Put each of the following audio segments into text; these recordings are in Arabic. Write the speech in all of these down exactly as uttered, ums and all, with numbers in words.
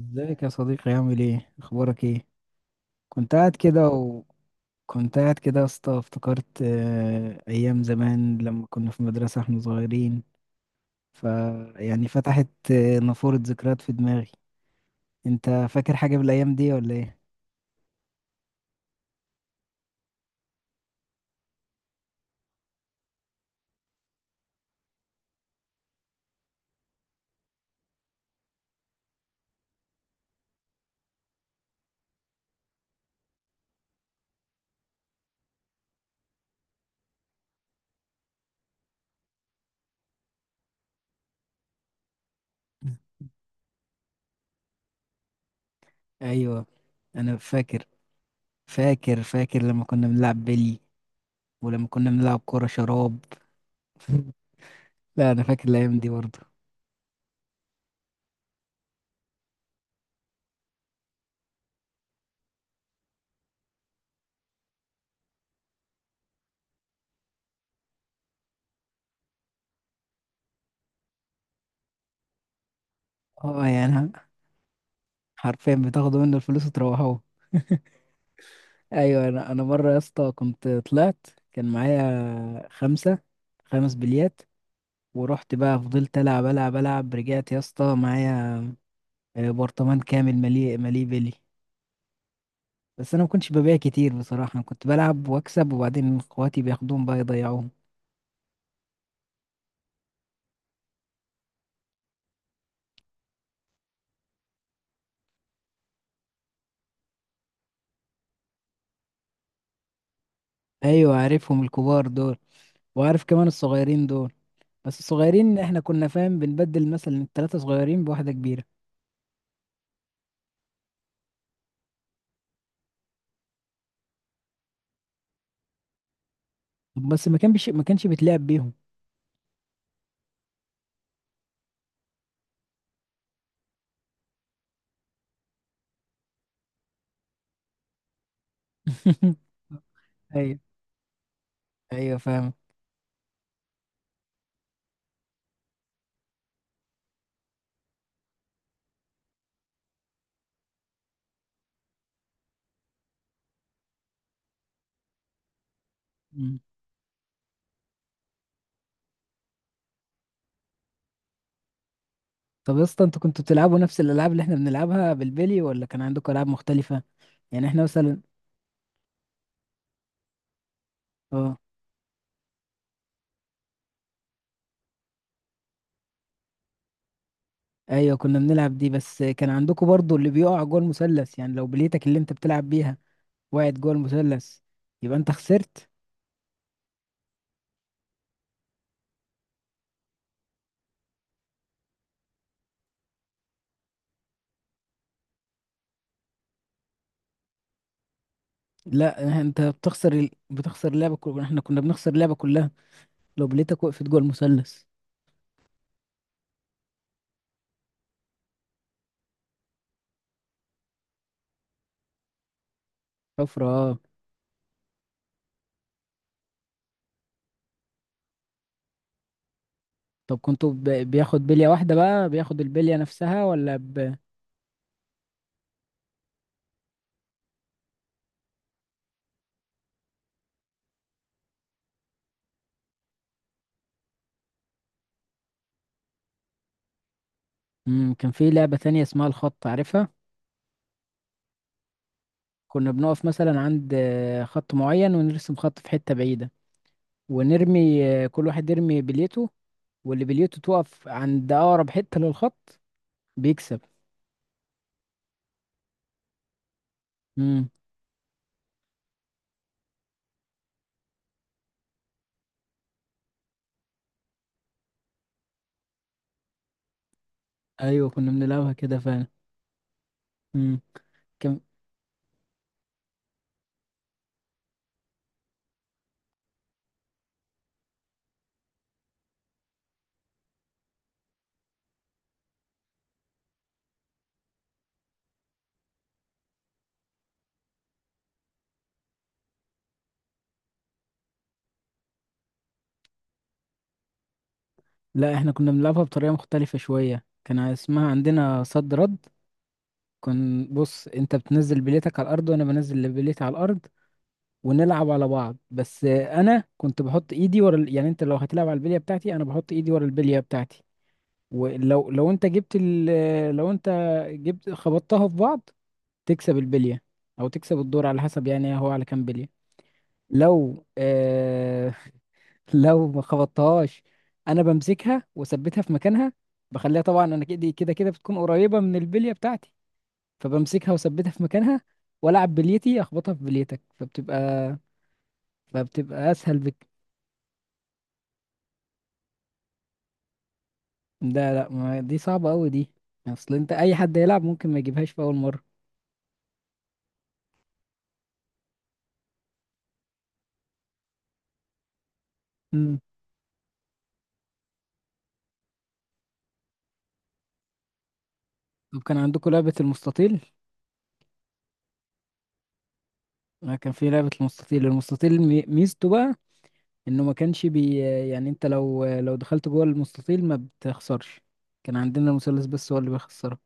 ازيك يا صديقي؟ عامل ايه؟ اخبارك ايه؟ كنت قاعد كده، وكنت قاعد كده يا اسطى افتكرت آه، ايام زمان لما كنا في مدرسة احنا صغيرين. ف يعني فتحت آه، نافورة ذكريات في دماغي. انت فاكر حاجة بالايام دي ولا ايه؟ ايوه انا فاكر. فاكر فاكر لما كنا بنلعب بلي، ولما كنا بنلعب كرة شراب. لا انا فاكر الايام دي برضه. اه يعني حرفيا بتاخدوا منه الفلوس وتروحوه. ايوه، انا انا مره يا اسطى كنت طلعت كان معايا خمسه، خمس بليات، ورحت بقى فضلت العب العب العب، رجعت يا اسطى معايا آه، برطمان كامل مليء مليء بلي. بس انا ما كنتش ببيع كتير بصراحه، انا كنت بلعب واكسب وبعدين اخواتي بياخدوهم بقى يضيعوهم. ايوه عارفهم الكبار دول، وعارف كمان الصغيرين دول. بس الصغيرين احنا كنا فاهم بنبدل مثلا التلاته صغيرين بواحده كبيره. بس ما كانش ما كانش بيتلعب بيهم. ايوه، ايوه فاهم. طب يا اسطى انتوا كنتوا بتلعبوا نفس الالعاب اللي احنا بنلعبها بالبلي، ولا كان عندكم العاب مختلفه؟ يعني احنا مثلا. اه ايوه كنا بنلعب دي، بس كان عندكم برضو اللي بيقع جوه المثلث؟ يعني لو بليتك اللي انت بتلعب بيها وقعت جوه المثلث يبقى انت خسرت. لا انت بتخسر ال... بتخسر اللعبه كلها، احنا كنا بنخسر اللعبه كلها لو بليتك وقفت جوه المثلث. حفره، اه. طب كنتوا ب... بياخد بليه واحده بقى، بياخد البليه نفسها ولا ب... مم. كان في لعبه تانية اسمها الخط، عارفها؟ كنا بنقف مثلا عند آه، خط معين ونرسم خط في حتة بعيدة، ونرمي، آه، كل واحد يرمي بليته، واللي بليته توقف عند أقرب حتة للخط بيكسب. امم. ايوه كنا بنلعبها كده فعلا. امم. كان، لا احنا كنا بنلعبها بطريقة مختلفة شوية، كان اسمها عندنا صد رد. كان، بص انت بتنزل بليتك على الارض وانا بنزل اللي بليتي على الارض، ونلعب على بعض. بس انا كنت بحط ايدي ورا ال... يعني انت لو هتلعب على البلية بتاعتي انا بحط ايدي ورا البلية بتاعتي. ولو لو انت جبت ال... لو انت جبت خبطتها في بعض تكسب البلية، او تكسب الدور على حسب، يعني هو على كام بلية. لو آه... لو ما خبطتهاش انا بمسكها واثبتها في مكانها، بخليها، طبعا انا كده كده كده بتكون قريبة من البلية بتاعتي، فبمسكها واثبتها في مكانها، والعب بليتي اخبطها في بليتك فبتبقى، فبتبقى اسهل بك. ده لا، ما دي صعبة قوي دي، اصل انت اي حد يلعب ممكن ما يجيبهاش في اول مرة. طب كان عندكم لعبة المستطيل؟ أنا كان في لعبة المستطيل، المستطيل مي- ميزته بقى إنه ما كانش بي، يعني أنت لو لو دخلت جوه المستطيل ما بتخسرش، كان عندنا المثلث بس هو اللي بيخسرك.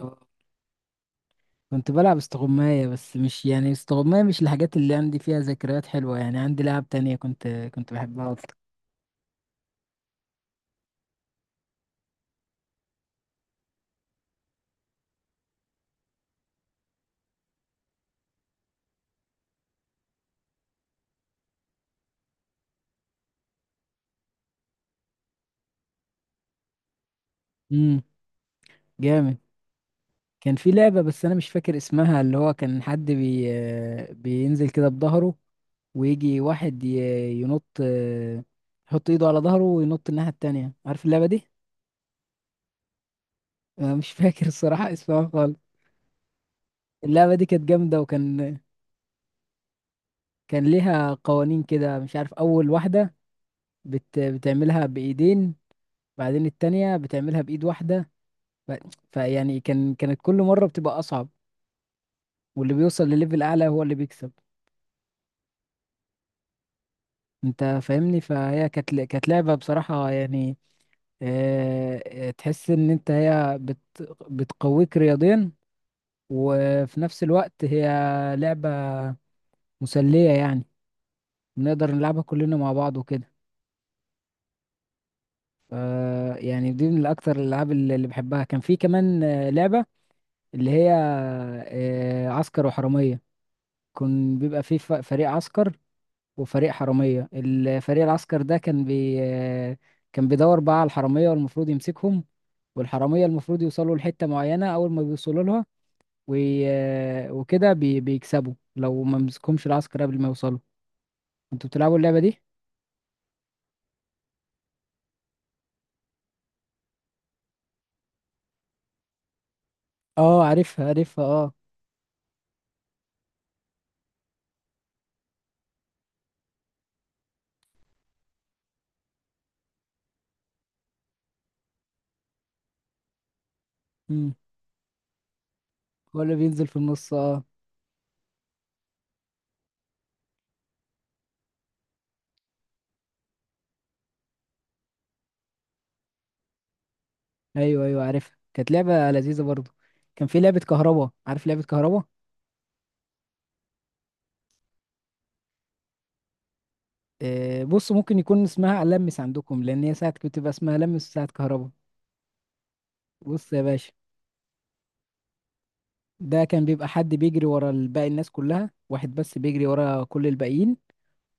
آه. كنت بلعب استغماية، بس مش يعني استغماية مش الحاجات اللي عندي فيها ذكريات حلوة، يعني عندي لعب تانية كنت كنت بحبها أكتر. امم. جامد. كان في لعبة بس أنا مش فاكر اسمها، اللي هو كان حد بي، بينزل كده بظهره، ويجي واحد ي- ينط، آه، يحط ايده على ظهره وينط الناحية التانية، عارف اللعبة دي؟ أنا مش فاكر الصراحة اسمها خالص. اللعبة دي كانت جامدة، وكان كان ليها قوانين كده مش عارف، أول واحدة بت... بتعملها بإيدين، بعدين التانية بتعملها بإيد واحدة. ف... فيعني كان كانت كل مرة بتبقى أصعب، واللي بيوصل لليفل أعلى هو اللي بيكسب. أنت فاهمني؟ فهي كانت ل- كانت لعبة بصراحة يعني، آه، آه، تحس إن أنت هي بت... بتقويك رياضيا، وفي نفس الوقت هي لعبة مسلية، يعني بنقدر نلعبها كلنا مع بعض وكده. ف- يعني دي من الأكتر الألعاب اللي اللي بحبها. كان في كمان آه، لعبة اللي هي آه، عسكر وحرامية. كان بيبقى في ف- فريق عسكر وفريق حرامية. الفريق العسكر ده كان بي آه، كان بيدور بقى على الحرامية والمفروض يمسكهم، والحرامية المفروض يوصلوا لحتة معينة، أول ما بيوصلوا لها وي- آه، وكده بي- بيكسبوا لو ما مسكهمش العسكر قبل ما يوصلوا. انتوا بتلعبوا اللعبة دي؟ اه عارفها، عارفها اه. امم، هو اللي بينزل في النص اه. ايوه، ايوه عارفها كانت لعبة لذيذة برضو. كان في لعبة كهربا، عارف لعبة كهربا؟ آه بص، ممكن يكون اسمها لمس عندكم، لان هي ساعة كنت بتبقى اسمها لمس ساعة كهربا. بص يا باشا، ده كان بيبقى حد بيجري ورا باقي الناس كلها، واحد بس بيجري ورا كل الباقيين،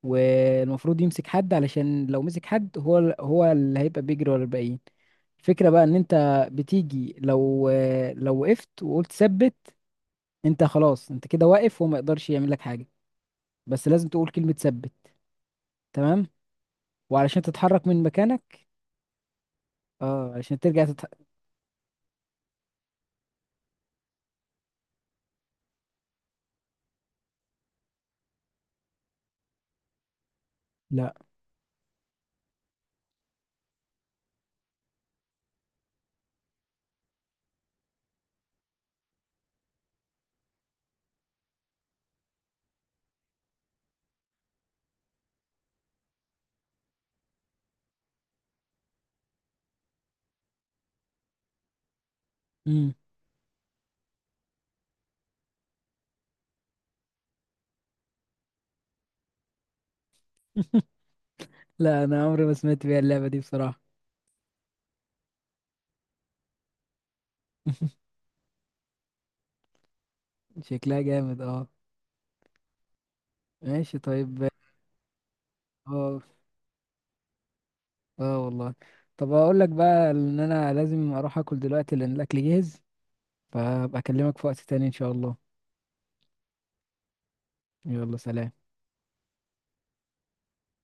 والمفروض يمسك حد، علشان لو مسك حد هو ال- هو اللي هيبقى بيجري ورا الباقيين. الفكرة بقى ان انت بتيجي، لو لو وقفت وقلت ثبت، انت خلاص انت كده واقف وما يقدرش يعمل لك حاجة، بس لازم تقول كلمة ثبت تمام، وعلشان تتحرك من مكانك اه، علشان ترجع تتح... لا. مم. لا انا عمري ما سمعت بيها اللعبة دي بصراحة. شكلها جامد اه. ماشي طيب. اه. اه والله. طب اقول لك بقى ان انا لازم اروح اكل دلوقتي لان الاكل جاهز، فبكلمك في وقت تاني إن شاء الله. يلا سلام.